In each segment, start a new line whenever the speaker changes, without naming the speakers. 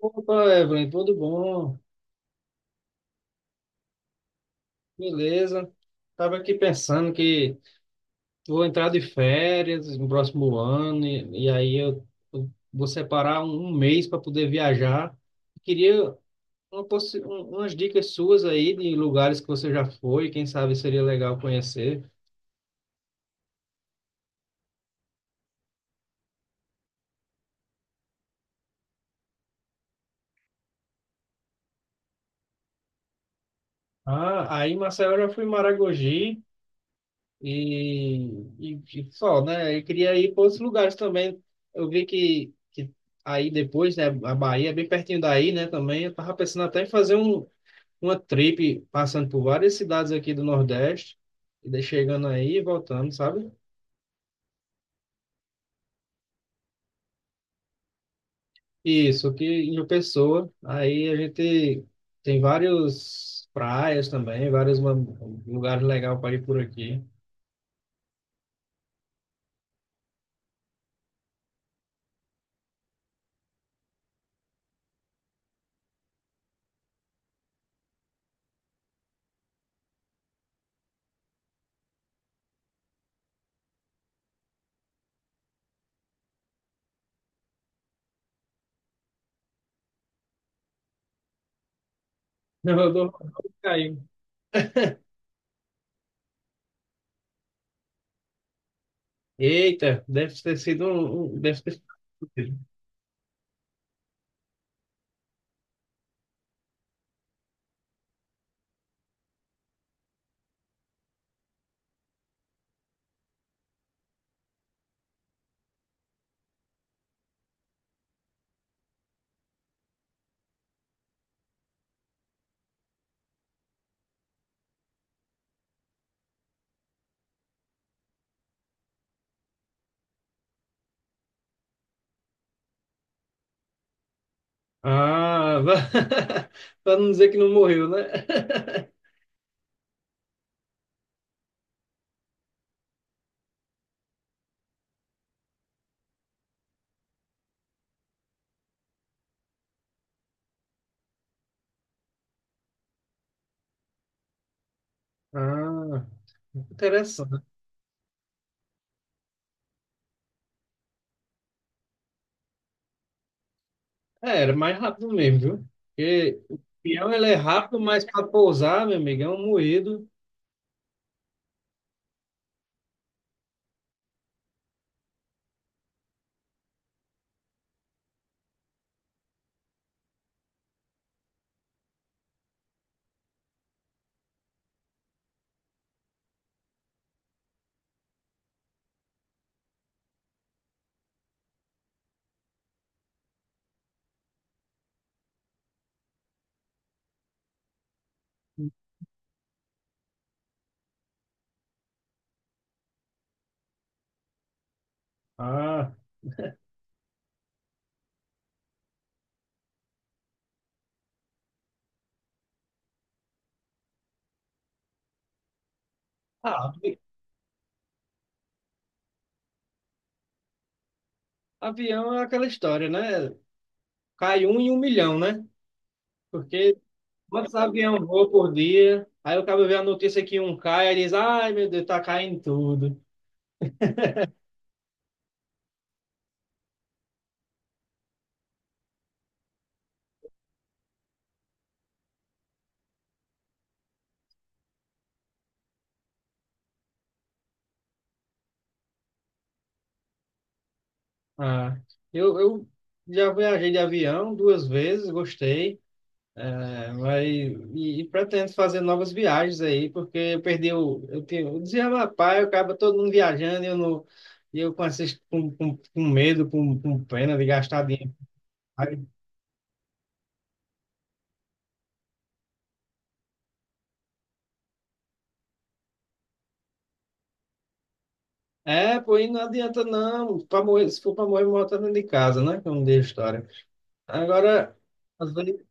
Opa, Evelyn, tudo bom? Beleza. Estava aqui pensando que vou entrar de férias no próximo ano e aí eu vou separar um mês para poder viajar. Queria umas dicas suas aí de lugares que você já foi, quem sabe seria legal conhecer. Ah, aí Marcelo, eu já fui em Maragogi, E, e, e só, né? Eu queria ir para outros lugares também. Eu vi que aí depois, né? A Bahia é bem pertinho daí, né? Também eu tava pensando até em fazer uma trip passando por várias cidades aqui do Nordeste, e daí chegando aí e voltando, sabe? Isso, aqui em João Pessoa. Aí a gente tem vários praias também, lugares legais para ir por aqui. Eu dou, eu dou- Eita, deve ter sido. um Ah, para não dizer que não morreu, né? Ah, interessante. É, era mais rápido mesmo, viu? Porque o peão ele é rápido, mas para pousar, meu amigo, é um moído. Ah, ah, avião é aquela história, né? Cai um em um milhão, né? Porque quantos aviões voam por dia? Aí o cara vê a notícia que um cai, aí diz, ai meu Deus, tá caindo tudo. Ah, eu já viajei de avião duas vezes, gostei. É, vai, e pretendo fazer novas viagens aí, porque eu perdi o. Eu, tenho, eu dizia, rapaz, eu acaba todo mundo viajando e eu, não, e eu com, esses, com medo, com pena de gastar dinheiro. Aí, é, pô, e não adianta não. Pra morrer, se for para morrer, morre todo dentro de casa, né? Como diz a história. Agora, às vezes.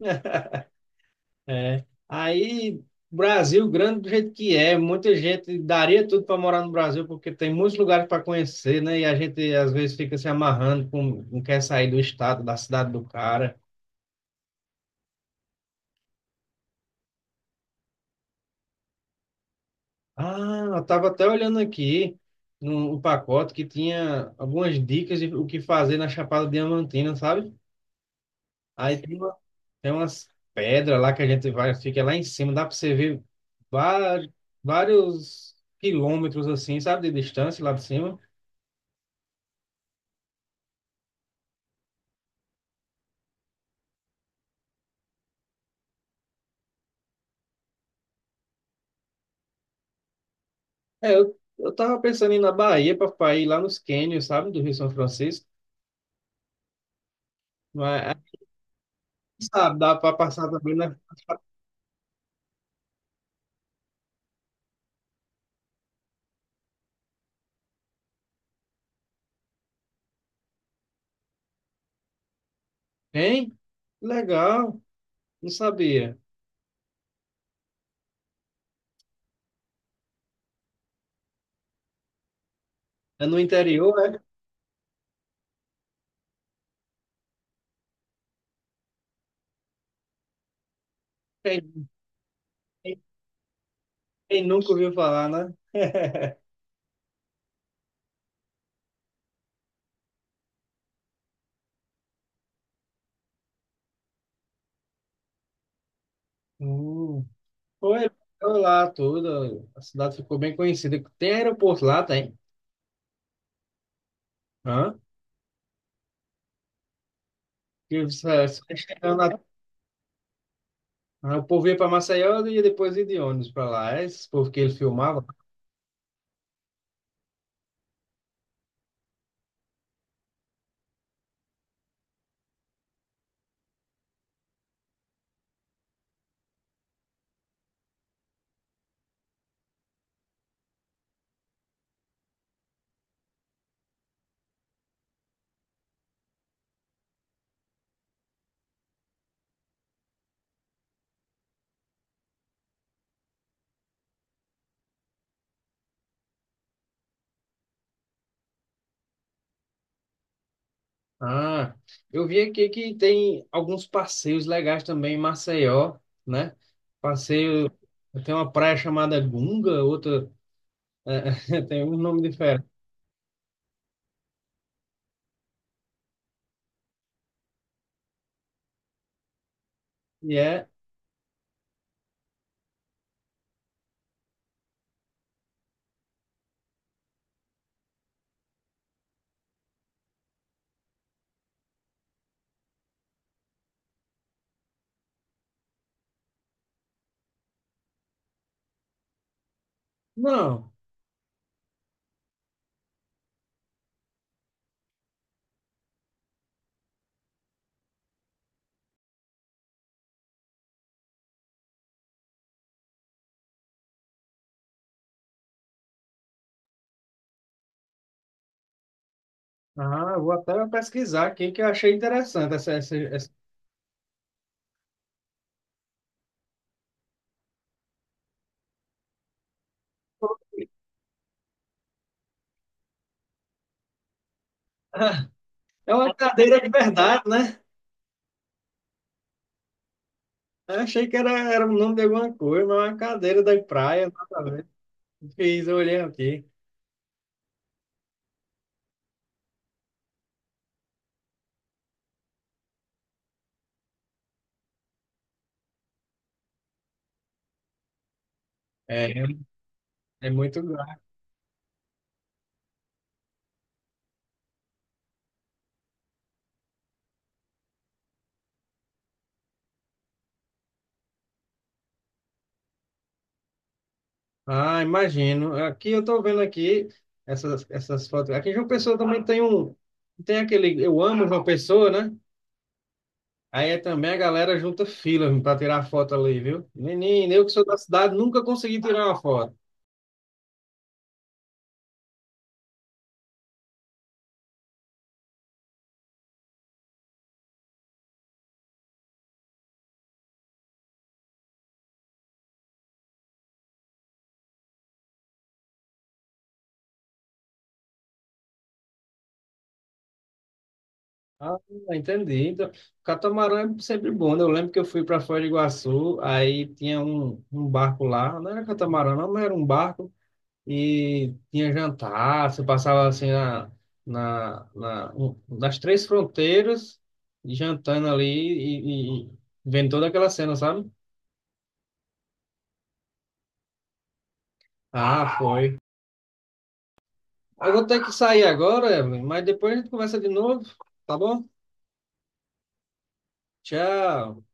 É. Aí, Brasil, grande do jeito que é, muita gente daria tudo para morar no Brasil, porque tem muitos lugares para conhecer, né? E a gente às vezes fica se amarrando, com, não quer sair do estado, da cidade do cara. Ah, eu estava até olhando aqui no pacote que tinha algumas dicas de o que fazer na Chapada Diamantina, sabe? Aí tem umas pedras lá que a gente vai, fica lá em cima, dá para você ver va- vários quilômetros assim, sabe, de distância lá de cima. É, eu tava pensando em ir na Bahia pra ir lá nos cânions, sabe, do Rio São Francisco. Mas, ah, sabe, dá pra passar também, né? Hein? Legal, não sabia. É no interior, é? Quem, quem- Quem nunca ouviu falar, né? Hum. Foi, foi lá tudo, a cidade ficou bem conhecida. Tem aeroporto lá, tem. Hã? Você chegando lá, ah, o povo ia para Maceió e depois ia de ônibus pra lá. É esse povo que ele filmava. Ah, eu vi aqui que tem alguns passeios legais também em Maceió, né? Passeio, tem uma praia chamada Gunga, outra eh, tem um nome diferente. E é, não, ah, eu vou até pesquisar aqui que eu achei interessante essa. É uma cadeira de verdade, né? Eu achei que era o nome de alguma coisa, mas é uma cadeira da praia, nada a ver. Fiz, eu olhei aqui. É, é muito. Ah, imagino. Aqui eu tô vendo aqui essas fotos. Aqui em João Pessoa também tem aquele, eu amo João Pessoa, né? Aí é também a galera junta fila para tirar foto ali, viu? Menino, eu que sou da cidade nunca consegui tirar uma foto. Ah, entendi. Então, catamarã é sempre bom, né? Eu lembro que eu fui para Foz do Iguaçu, aí tinha um barco lá, não era catamarã, não, mas era um barco. E tinha jantar, você passava assim na, nas três fronteiras, jantando ali e vendo toda aquela cena, sabe? Ah, foi. Eu vou ter que sair agora, Evelyn, mas depois a gente conversa de novo, tá bom? Tchau.